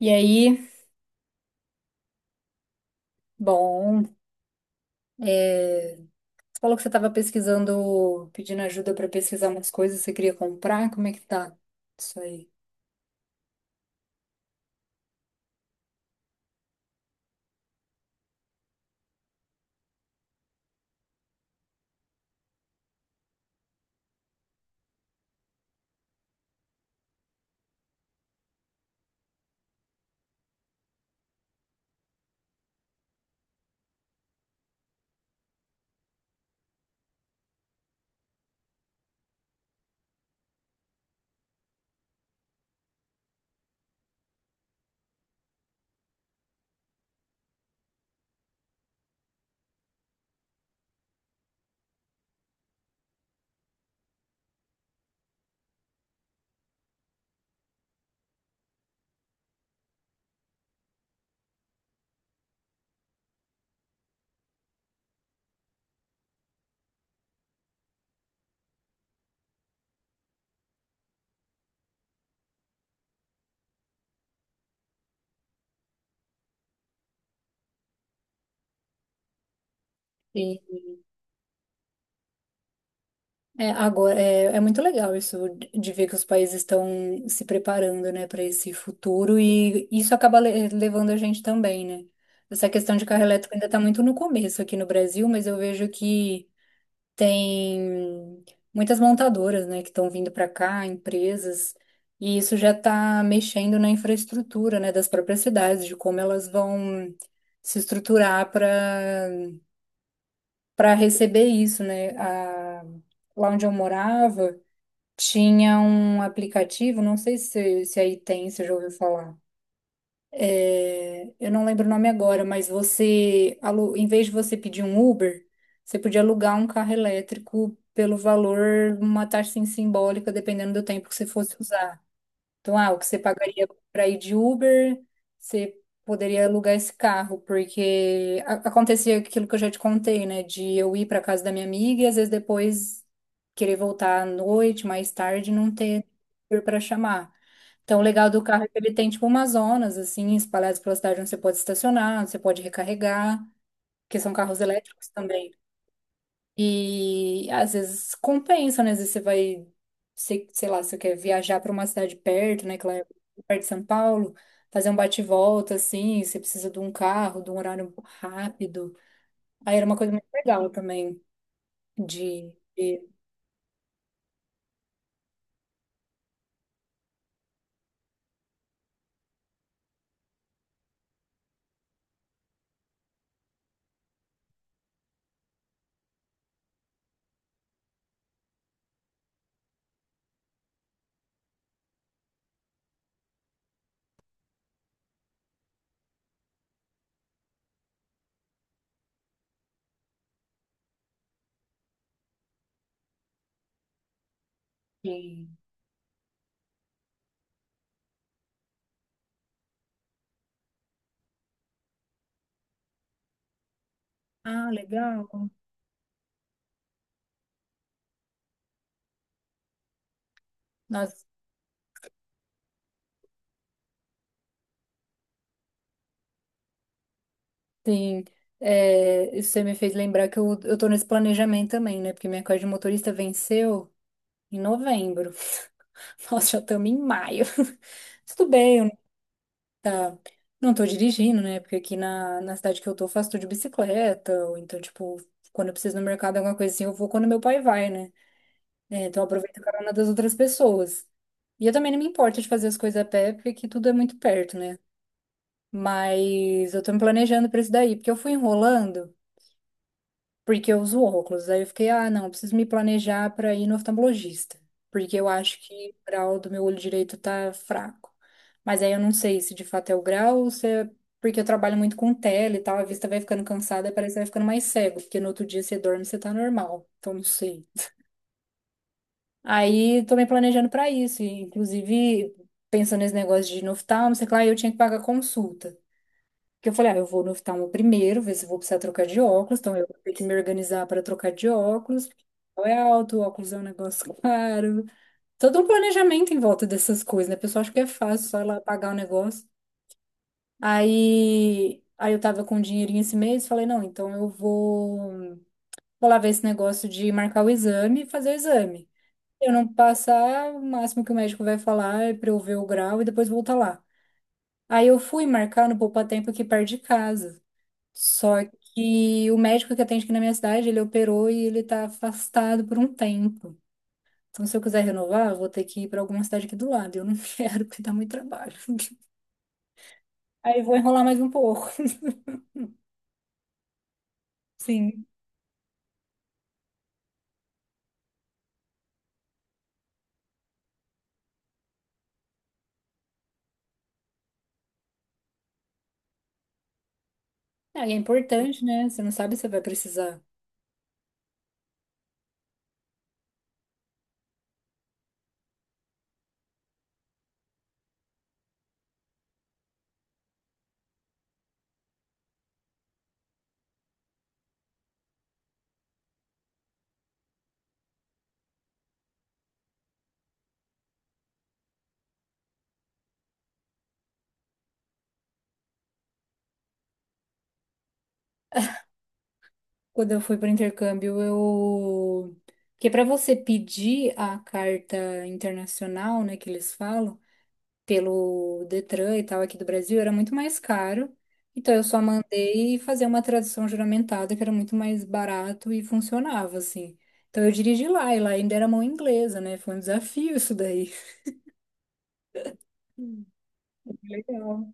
E aí, bom, é, você falou que você estava pesquisando, pedindo ajuda para pesquisar umas coisas, você queria comprar, como é que tá isso aí? Sim. Agora, é muito legal isso de ver que os países estão se preparando, né, para esse futuro e isso acaba levando a gente também, né? Essa questão de carro elétrico ainda está muito no começo aqui no Brasil, mas eu vejo que tem muitas montadoras, né, que estão vindo para cá, empresas, e isso já está mexendo na infraestrutura, né, das próprias cidades, de como elas vão se estruturar para receber isso, né? Lá onde eu morava, tinha um aplicativo, não sei se aí tem, se já ouviu falar. Eu não lembro o nome agora, mas em vez de você pedir um Uber, você podia alugar um carro elétrico pelo valor, uma taxa assim, simbólica, dependendo do tempo que você fosse usar. Então, ah, o que você pagaria para ir de Uber, você poderia alugar esse carro, porque acontecia aquilo que eu já te contei, né? De eu ir para casa da minha amiga e às vezes depois querer voltar à noite, mais tarde, não ter Uber para chamar. Então, o legal do carro é que ele tem, tipo, umas zonas, assim, espalhadas pela cidade onde você pode estacionar, onde você pode recarregar, porque são carros elétricos também. E às vezes compensa, né? Às vezes você vai, sei lá, você quer viajar para uma cidade perto, né? Que lá é perto de São Paulo, fazer um bate-volta, assim, você precisa de um carro, de um horário rápido. Aí era uma coisa muito legal também de... de- de- Ah, legal. Nossa, sim, isso você me fez lembrar que eu tô nesse planejamento também, né? Porque minha carta de motorista venceu em novembro. Nós já estamos em maio. Tudo bem, eu não, tá, não tô dirigindo, né? Porque aqui na cidade que eu tô, faço tudo de bicicleta. Ou então, tipo, quando eu preciso ir no mercado, alguma coisa assim, eu vou quando meu pai vai, né? É, então, eu aproveito a carona das outras pessoas. E eu também não me importo de fazer as coisas a pé, porque aqui tudo é muito perto, né? Mas eu tô me planejando pra isso daí, porque eu fui enrolando, porque eu uso óculos. Aí eu fiquei, ah, não, eu preciso me planejar para ir no oftalmologista, porque eu acho que o grau do meu olho direito tá fraco. Mas aí eu não sei se de fato é o grau ou se é porque eu trabalho muito com tela e tal, a vista vai ficando cansada, e parece que vai ficando mais cego, porque no outro dia você dorme, você tá normal. Então não sei. Aí tô me planejando para isso, e, inclusive pensando nesse negócio de ir no oftalmo, sei lá, eu tinha que pagar consulta. Porque eu falei, ah, eu vou no oftalmo primeiro, ver se eu vou precisar trocar de óculos, então eu vou ter que me organizar para trocar de óculos, porque o é alto, o óculos é um negócio caro. Todo um planejamento em volta dessas coisas, né? A pessoa acha que é fácil só ir lá pagar o negócio. Aí eu tava com um dinheirinho esse mês, falei, não, então vou lá ver esse negócio de marcar o exame e fazer o exame. Eu não passar, o máximo que o médico vai falar é para eu ver o grau e depois voltar lá. Aí eu fui marcar no Poupatempo aqui perto de casa. Só que o médico que atende aqui na minha cidade, ele operou e ele tá afastado por um tempo. Então, se eu quiser renovar, eu vou ter que ir para alguma cidade aqui do lado. Eu não quero, porque dá muito trabalho. Aí eu vou enrolar mais um pouco. Sim. Ah, e é importante, né? Você não sabe se vai precisar. Quando eu fui para intercâmbio, eu. Porque para você pedir a carta internacional, né, que eles falam, pelo Detran e tal aqui do Brasil, era muito mais caro. Então eu só mandei fazer uma tradução juramentada que era muito mais barato e funcionava assim. Então eu dirigi lá e lá ainda era mão inglesa, né? Foi um desafio isso daí. Hum. Legal.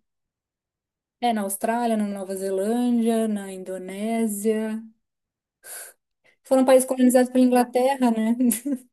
É, na Austrália, na Nova Zelândia, na Indonésia. Foram países colonizados pela Inglaterra, né?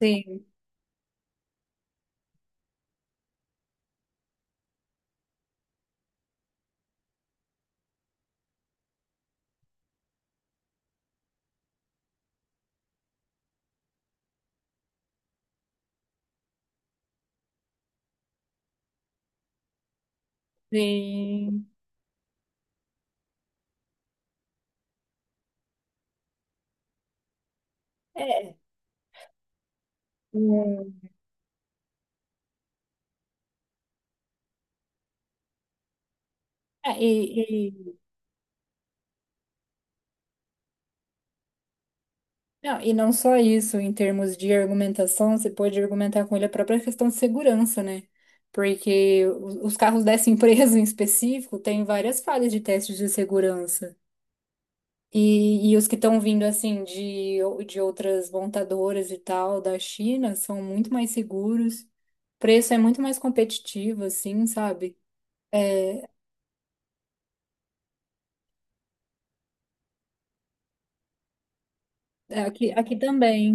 Sim, sim. É. Hum. É, e, Não, e não só isso, em termos de argumentação, você pode argumentar com ele a própria questão de segurança, né? Porque os carros dessa empresa em específico têm várias falhas de testes de segurança. E os que estão vindo, assim, de outras montadoras e tal, da China, são muito mais seguros. Preço é muito mais competitivo, assim, sabe? É, é, aqui também.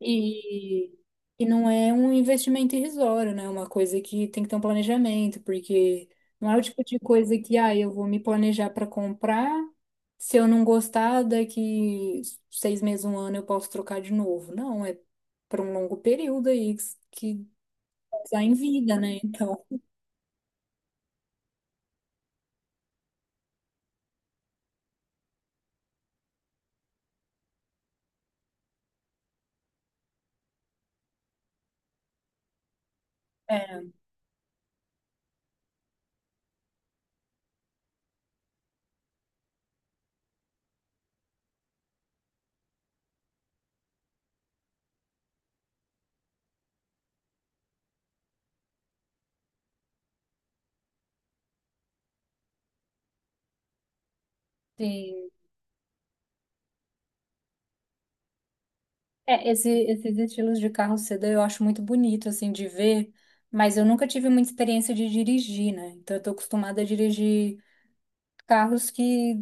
E, e não é um investimento irrisório, né? É uma coisa que tem que ter um planejamento, porque não é o tipo de coisa que, ah, eu vou me planejar para comprar, se eu não gostar, daqui seis meses, um ano eu posso trocar de novo. Não, é para um longo período aí que dá em vida, né? Então, é, tem. É, esses estilos de carro sedã eu acho muito bonito, assim, de ver, mas eu nunca tive muita experiência de dirigir, né? Então, eu tô acostumada a dirigir carros que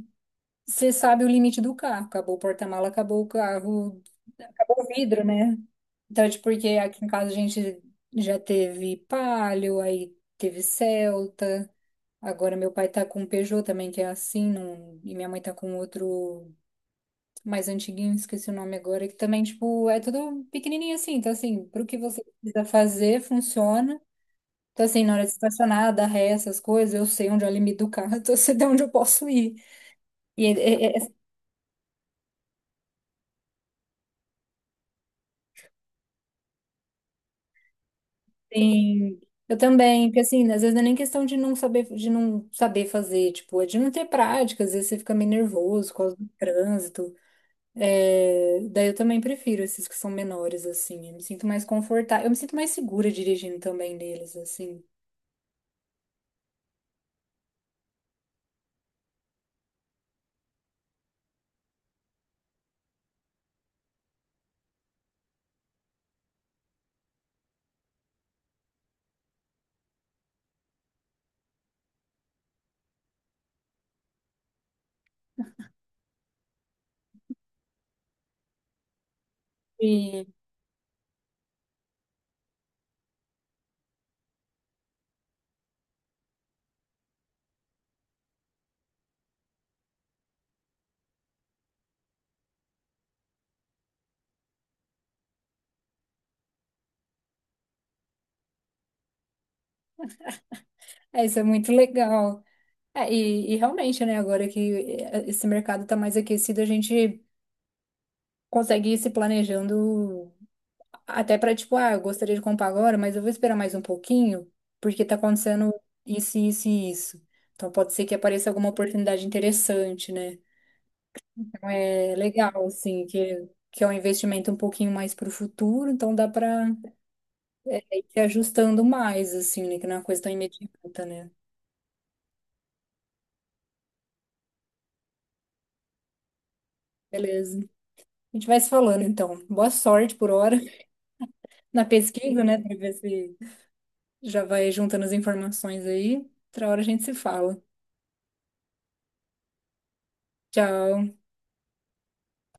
você sabe o limite do carro. Acabou o porta-mala, acabou o carro, acabou o vidro, né? Então, é tipo, porque aqui em casa a gente já teve Palio, aí teve Celta. Agora meu pai tá com um Peugeot também, que é assim, e minha mãe tá com outro mais antiguinho, esqueci o nome agora, que também, tipo, é tudo pequenininho assim. Então, assim, pro que você precisa fazer, funciona. Então, assim, na hora de estacionar, dar ré, essas coisas, eu sei onde é o limite do carro, então eu sei de onde eu posso ir. E é, é, é, Sim, eu também, porque assim, às vezes não é nem questão de não saber fazer, tipo, é de não ter prática, às vezes você fica meio nervoso por causa do trânsito. É, daí eu também prefiro esses que são menores, assim, eu me sinto mais confortável, eu me sinto mais segura dirigindo também neles, assim. E isso é muito legal. E realmente, né, agora que esse mercado tá mais aquecido, a gente consegue ir se planejando até pra, tipo, ah, eu gostaria de comprar agora, mas eu vou esperar mais um pouquinho, porque tá acontecendo isso, isso e isso. Então pode ser que apareça alguma oportunidade interessante, né? Então é legal, assim, que é um investimento um pouquinho mais pro futuro, então dá pra ir se ajustando mais, assim, né? Que não é uma coisa tão imediata, né? Beleza. A gente vai se falando, então. Boa sorte por hora na pesquisa, né? Pra ver se já vai juntando as informações aí. Outra hora a gente se fala. Tchau.